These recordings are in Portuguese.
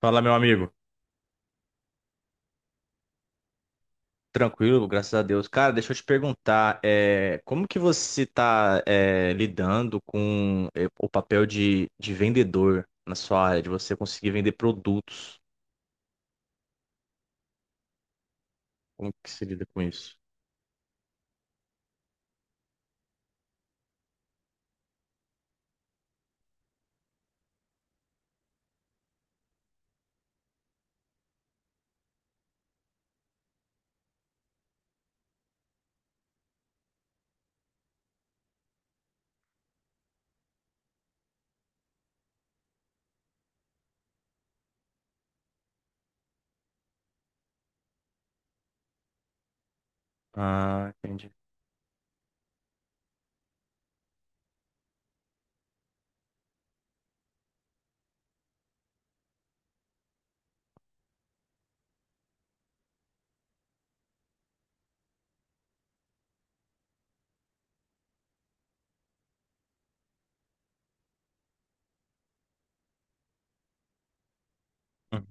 Fala, meu amigo. Tranquilo, graças a Deus. Cara, deixa eu te perguntar, como que você está lidando com o papel de vendedor na sua área, de você conseguir vender produtos? Como que se lida com isso? Ah, entendi. Uhum.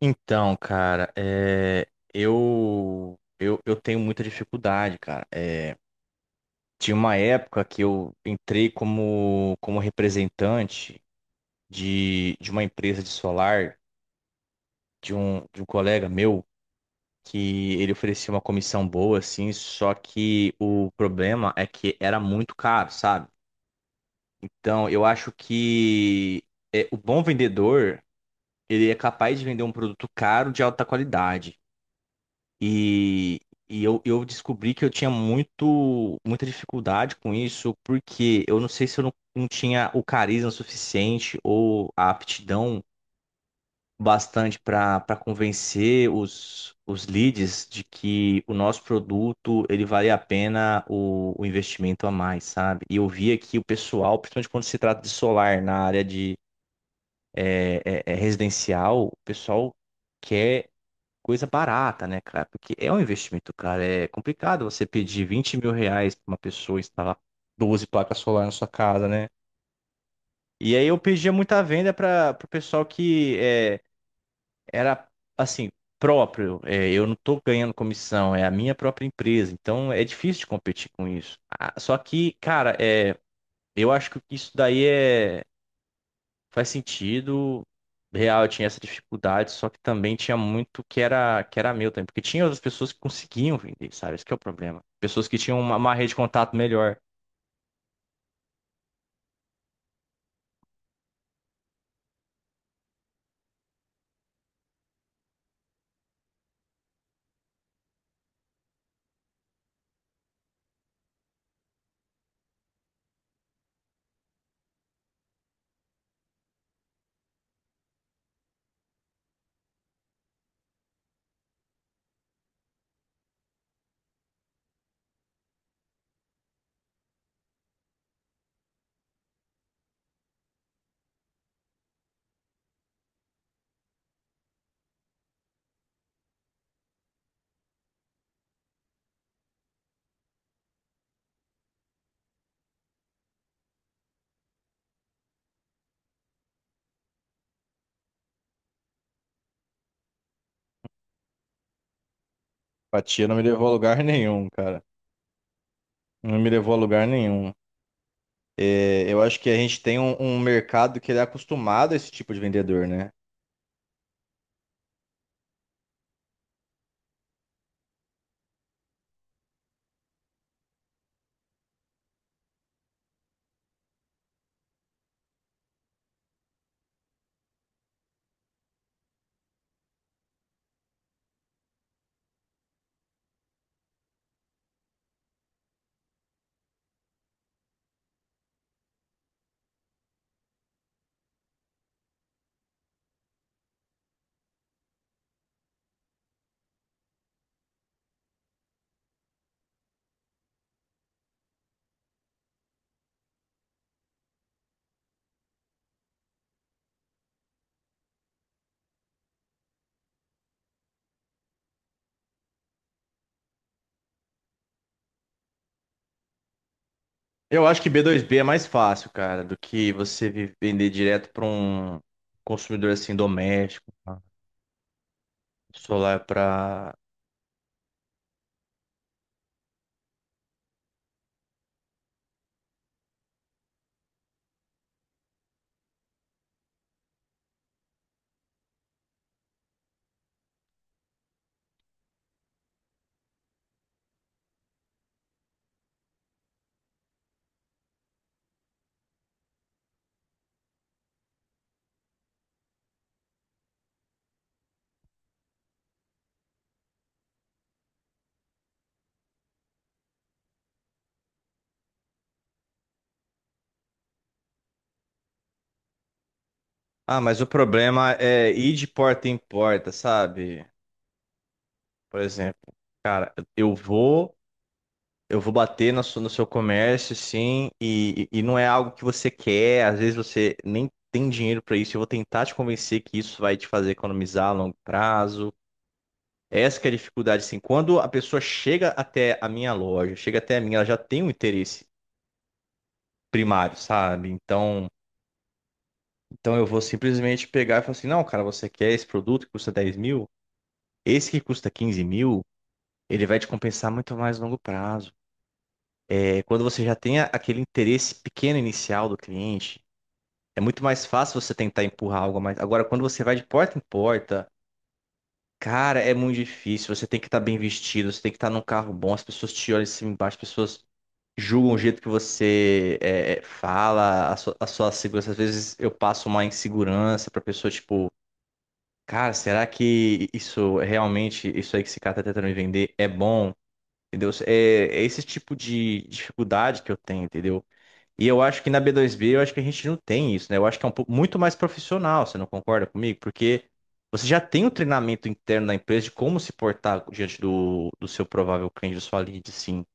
Então, cara, eu tenho muita dificuldade, cara. É, tinha uma época que eu entrei como representante de uma empresa de solar de um colega meu. Que ele oferecia uma comissão boa, assim, só que o problema é que era muito caro, sabe? Então, eu acho que é, o bom vendedor, ele é capaz de vender um produto caro de alta qualidade. E, eu descobri que eu tinha muita dificuldade com isso, porque eu não sei se eu não tinha o carisma suficiente ou a aptidão bastante para convencer os leads de que o nosso produto ele vale a pena o investimento a mais, sabe? E eu vi aqui o pessoal, principalmente quando se trata de solar na área de residencial, o pessoal quer coisa barata, né, cara? Porque é um investimento, cara. É complicado você pedir 20 mil reais para uma pessoa instalar 12 placas solar na sua casa, né? E aí eu pedia muita venda para o pessoal que era assim, próprio. É, eu não estou ganhando comissão, é a minha própria empresa. Então é difícil de competir com isso. Ah, só que, cara, é, eu acho que isso daí é, faz sentido. Real, eu tinha essa dificuldade, só que também tinha muito que que era meu também, porque tinha outras pessoas que conseguiam vender, sabe? Esse que é o problema. Pessoas que tinham uma rede de contato melhor. Empatia não me levou a lugar nenhum, cara. Não me levou a lugar nenhum. É, eu acho que a gente tem um mercado que ele é acostumado a esse tipo de vendedor, né? Eu acho que B2B é mais fácil, cara, do que você vender direto para um consumidor assim doméstico, tá? Solar para. Ah, mas o problema é ir de porta em porta, sabe? Por exemplo, eu vou, eu vou bater na no seu comércio, sim, e não é algo que você quer. Às vezes você nem tem dinheiro para isso. Eu vou tentar te convencer que isso vai te fazer economizar a longo prazo. Essa que é a dificuldade, assim. Quando a pessoa chega até a minha loja, chega até a minha, ela já tem um interesse primário, sabe? Então eu vou simplesmente pegar e falar assim, não, cara, você quer esse produto que custa 10 mil? Esse que custa 15 mil, ele vai te compensar muito mais a longo prazo. É, quando você já tem aquele interesse pequeno inicial do cliente, é muito mais fácil você tentar empurrar algo a mais. Agora, quando você vai de porta em porta, cara, é muito difícil. Você tem que estar bem vestido, você tem que estar num carro bom, as pessoas te olham de cima e embaixo, as pessoas julgam o jeito que você é, fala, a sua segurança. Às vezes eu passo uma insegurança pra pessoa, tipo, cara, será que isso é realmente, isso aí que esse cara tá tentando me vender é bom? Entendeu? É, é esse tipo de dificuldade que eu tenho, entendeu? E eu acho que na B2B, eu acho que a gente não tem isso, né? Eu acho que é um pouco muito mais profissional, você não concorda comigo? Porque você já tem um treinamento interno da empresa de como se portar diante do seu provável cliente, da sua lead, sim.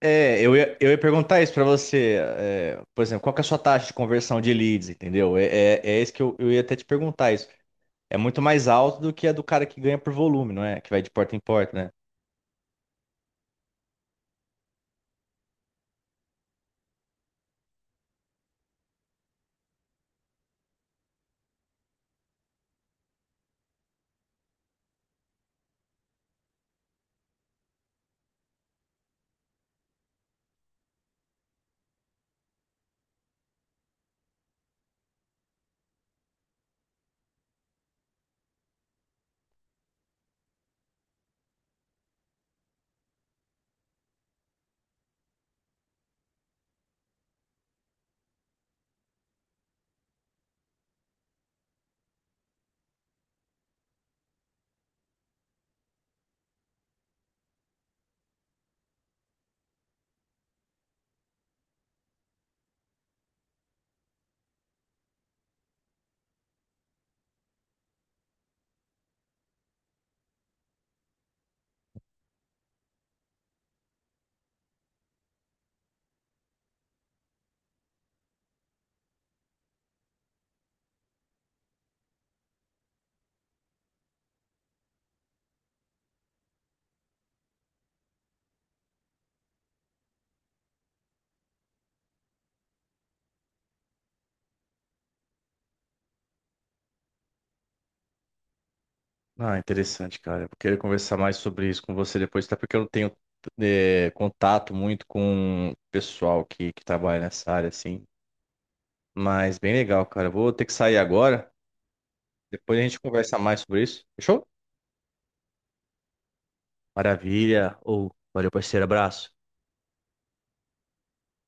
É, eu ia perguntar isso pra você. É, por exemplo, qual que é a sua taxa de conversão de leads, entendeu? É isso que eu ia até te perguntar isso. É muito mais alto do que a do cara que ganha por volume, não é? Que vai de porta em porta, né? Ah, interessante, cara. Eu queria conversar mais sobre isso com você depois, até porque eu não tenho é, contato muito com o pessoal que trabalha nessa área, assim. Mas bem legal, cara. Eu vou ter que sair agora. Depois a gente conversa mais sobre isso. Fechou? Maravilha. Ou valeu, parceiro. Abraço.